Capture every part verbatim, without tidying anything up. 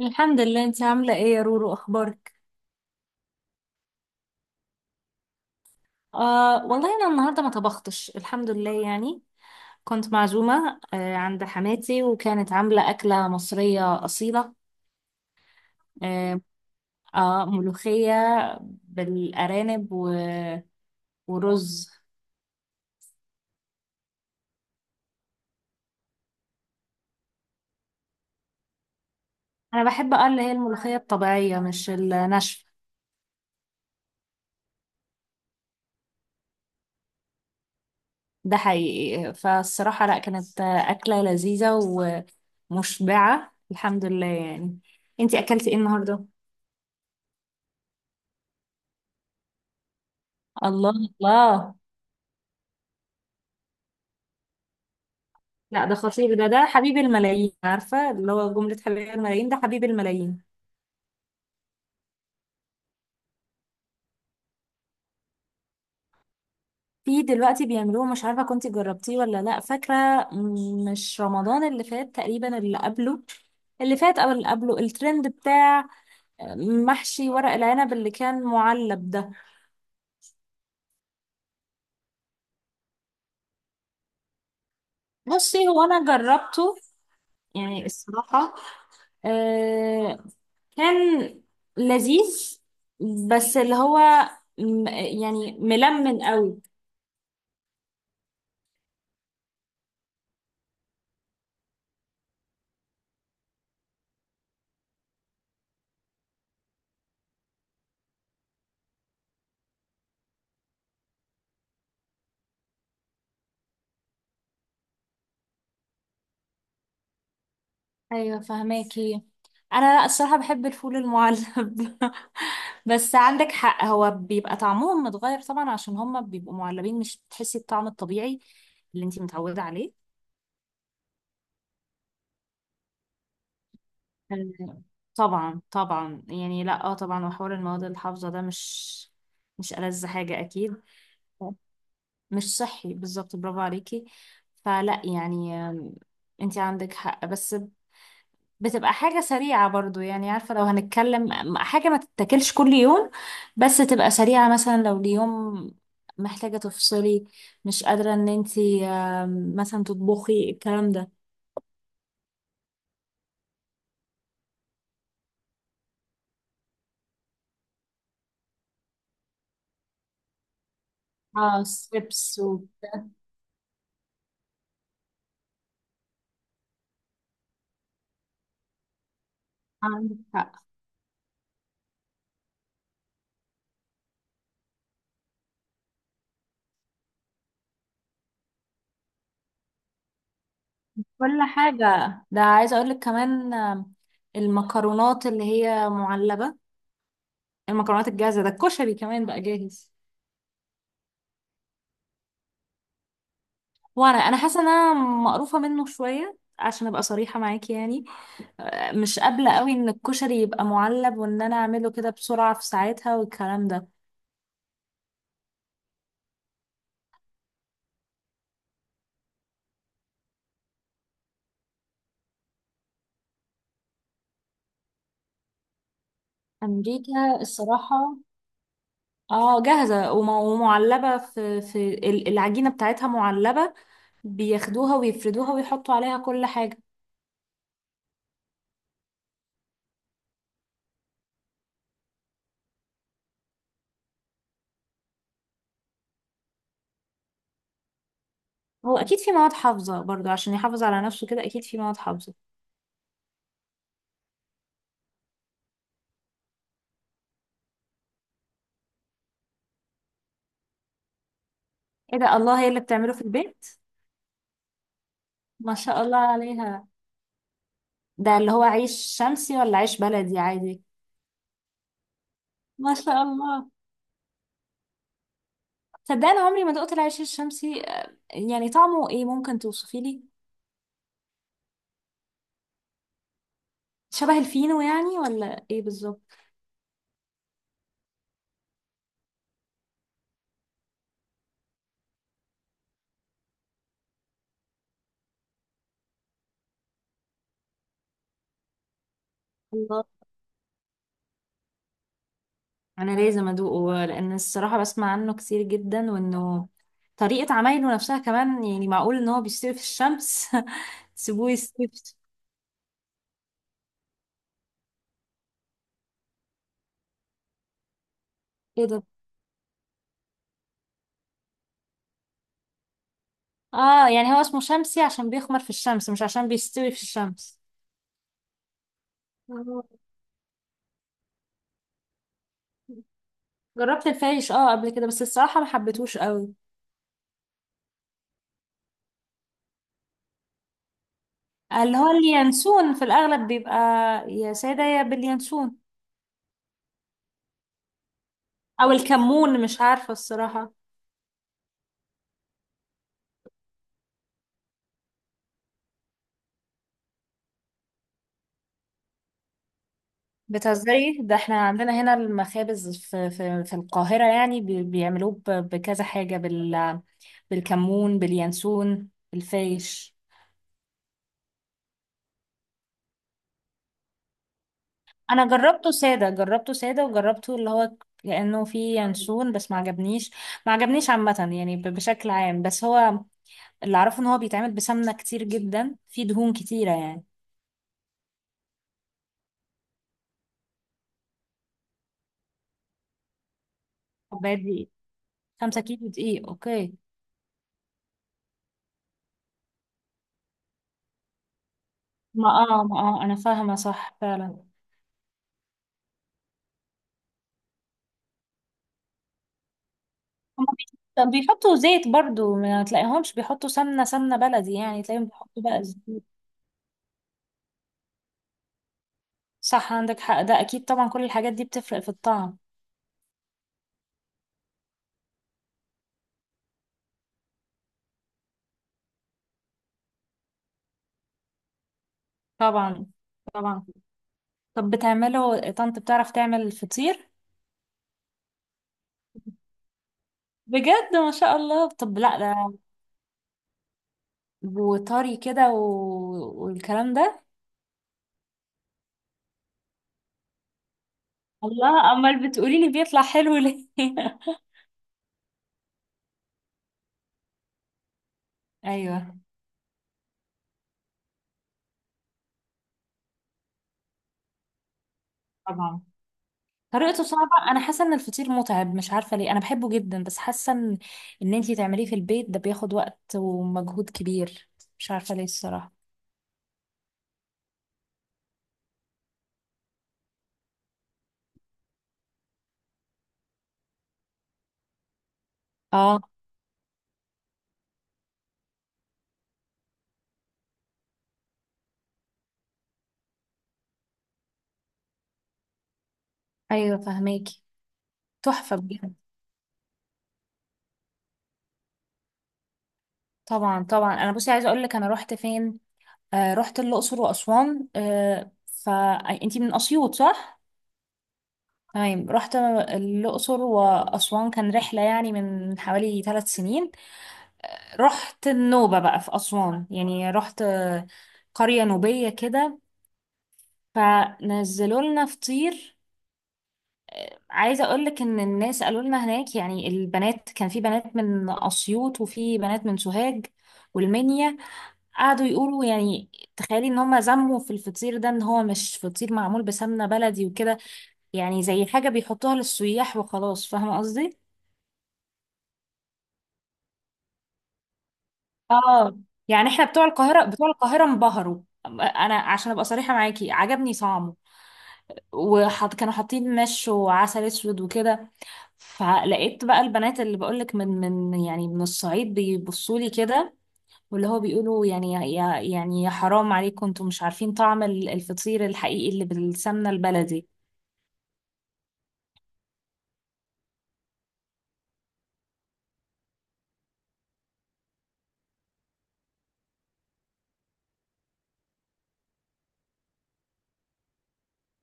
الحمد لله، انت عاملة ايه يا رورو؟ اخبارك؟ آه والله انا النهاردة ما طبختش الحمد لله يعني. كنت معزومة آه عند حماتي، وكانت عاملة أكلة مصرية أصيلة. آه، آه ملوخية بالأرانب و... ورز. أنا بحب اه اللي هي الملوخية الطبيعية مش الناشفة. ده حقيقي، فالصراحة لا، كانت أكلة لذيذة ومشبعة الحمد لله يعني. انتي أكلتي ايه النهاردة؟ الله! الله! لا ده خطير، ده ده حبيب الملايين، عارفة اللي هو جملة حبيب الملايين، ده حبيب الملايين. في دلوقتي بيعملوه، مش عارفة كنت جربتيه ولا لا، فاكرة م- مش رمضان اللي فات تقريبا، اللي قبله، اللي فات او اللي قبله، الترند بتاع محشي ورق العنب اللي كان معلب ده. بصي هو انا جربته، يعني الصراحة آه، كان لذيذ، بس اللي هو م- يعني ملمن قوي. ايوه فهماكي. انا لا الصراحه بحب الفول المعلب. بس عندك حق، هو بيبقى طعمهم متغير طبعا عشان هما بيبقوا معلبين، مش بتحسي الطعم الطبيعي اللي انتي متعوده عليه. أه، طبعا طبعا يعني، لا اه طبعا. وحوار المواد الحافظه ده مش مش ألذ حاجه اكيد. مش صحي بالظبط، برافو عليكي. فلا يعني، آم، انتي عندك حق، بس بتبقى حاجة سريعة برضو يعني، عارفة لو هنتكلم حاجة ما تتاكلش كل يوم بس تبقى سريعة، مثلا لو اليوم محتاجة تفصلي، مش قادرة ان انتي آم، مثلا تطبخي الكلام ده. اه ستريبس و... عندك حق، كل حاجة. ده عايزة اقولك كمان، آم، المكرونات اللي هي معلبة، المكرونات الجاهزة، ده الكشري كمان بقى جاهز. وانا انا حاسة ان انا مقروفة منه شوية، عشان ابقى صريحة معاكي يعني. مش قابلة قوي ان الكشري يبقى معلب وان انا اعمله كده بسرعة في ساعتها والكلام ده. امريكا الصراحة، اه جاهزة وم- ومعلبة، في في ال- العجينة بتاعتها معلبة، بياخدوها ويفردوها ويحطوا عليها كل حاجة. هو اكيد في مواد حافظة برضو عشان يحافظ على نفسه، كده اكيد في مواد حافظة. ايه ده! الله، هي اللي بتعمله في البيت؟ ما شاء الله عليها. ده اللي هو عيش شمسي ولا عيش بلدي عادي؟ ما شاء الله. صدقني أنا عمري ما دقت العيش الشمسي، آه، يعني طعمه ايه؟ ممكن توصفي لي؟ شبه الفينو يعني ولا ايه بالظبط؟ الله! انا لازم ادوقه، لان الصراحه بسمع عنه كتير جدا، وانه طريقه عمايله نفسها كمان، يعني معقول ان هو بيستوي في الشمس؟ تسيبوه يستوي في- ايه ده! اه يعني هو اسمه شمسي عشان بيخمر في الشمس مش عشان بيستوي في الشمس. آه. جربت الفايش اه قبل كده، بس الصراحه ما حبيتهوش قوي. اللي هو اليانسون في الاغلب بيبقى، يا ساده يا باليانسون، او الكمون، مش عارفة الصراحة. بتهزري! ده احنا عندنا هنا المخابز في في, في القاهرة يعني، بي- بيعملوه ب- بكذا حاجة بال بالكمون، باليانسون، بالفايش. انا جربته سادة، جربته سادة، وجربته اللي هو كأنه فيه يانسون، بس ما عجبنيش. ما عجبنيش عامة يعني، ب- بشكل عام. بس هو اللي اعرفه ان هو بيتعمل بسمنة كتير جدا، فيه دهون كتيرة يعني. كوباية دقيق، خمسة كيلو دقيق اوكي. ما اه ما اه انا فاهمة صح فعلا. هما بي- طب بيحطوا زيت برضو، ما تلاقيهمش بيحطوا سمنة، سمنة بلدي يعني، تلاقيهم بيحطوا بقى زيت. صح عندك حق، ده أكيد طبعا كل الحاجات دي بتفرق في الطعم. طبعا طبعا. طب بتعمله طنط؟ بتعرف تعمل فطير؟ بجد ما شاء الله! طب لا ده، وطري كده و... والكلام ده. الله! أمال بتقولي لي بيطلع حلو ليه؟ أيوه. طبعا. طريقته صعبة، أنا حاسة إن الفطير متعب، مش عارفة ليه، أنا بحبه جدا بس حاسة إن إن أنتي تعمليه في البيت ده بياخد وقت ومجهود كبير، مش عارفة ليه الصراحة. آه. أيوة فهماكي. تحفة بجد. طبعا طبعا. أنا بصي عايزة أقولك، أنا رحت فين؟ آه، رحت الأقصر وأسوان. آه فأنتي من أسيوط صح؟ تمام. رحت الأقصر وأسوان، كان رحلة يعني من حوالي ثلاث سنين. رحت النوبة بقى في أسوان، يعني رحت آه، قرية نوبية كده، فنزلوا لنا فطير. عايزه اقول لك ان الناس قالوا لنا هناك، يعني البنات، كان في بنات من اسيوط وفي بنات من سوهاج والمنيا، قعدوا يقولوا يعني، تخيلي ان هم زموا في الفطير ده، ان هو مش فطير معمول بسمنه بلدي وكده، يعني زي حاجه بيحطوها للسياح وخلاص، فاهمه قصدي. اه، يعني احنا بتوع القاهره، بتوع القاهره انبهروا. انا عشان ابقى صريحه معاكي عجبني طعمه، وحط كانوا حاطين مش، وعسل اسود وكده. فلقيت بقى البنات اللي بقولك من من يعني من الصعيد، بيبصوا لي كده، واللي هو بيقولوا يعني، يا يعني يا حرام عليكم! انتوا مش عارفين طعم ال- الفطير الحقيقي اللي بالسمنة البلدي.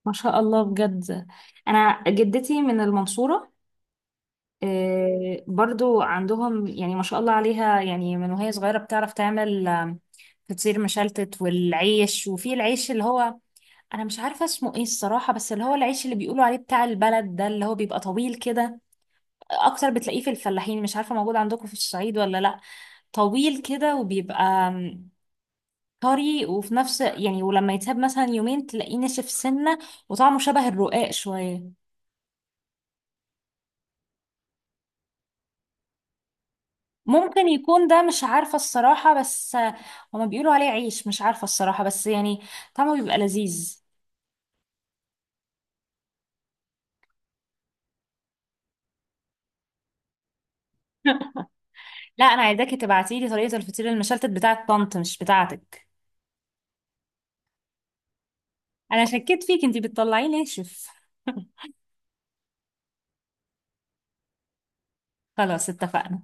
ما شاء الله بجد. انا جدتي من المنصورة. آه، برضو عندهم، يعني ما شاء الله عليها، يعني من وهي صغيرة بتعرف تعمل، آم، فطير مشلتت والعيش. وفي العيش اللي هو، انا مش عارفة اسمه ايه الصراحة، بس اللي هو العيش اللي بيقولوا عليه بتاع البلد ده، اللي هو بيبقى طويل كده، اكتر بتلاقيه في الفلاحين، مش عارفه موجود عندكم في الصعيد ولا لا. طويل كده وبيبقى م، طري، وفي نفس يعني، ولما يتساب مثلا يومين تلاقيه ناشف سنه، وطعمه شبه الرقاق شويه. ممكن يكون ده، مش عارفه الصراحه، بس آه، هما بيقولوا عليه عيش، مش عارفه الصراحه بس يعني طعمه بيبقى لذيذ. لا انا عايزاكي تبعتي لي طريقه الفطير المشلتت بتاعه طنط، مش بتاعتك. انا شكيت فيك، انتي بتطلعيه ناشف. خلاص اتفقنا.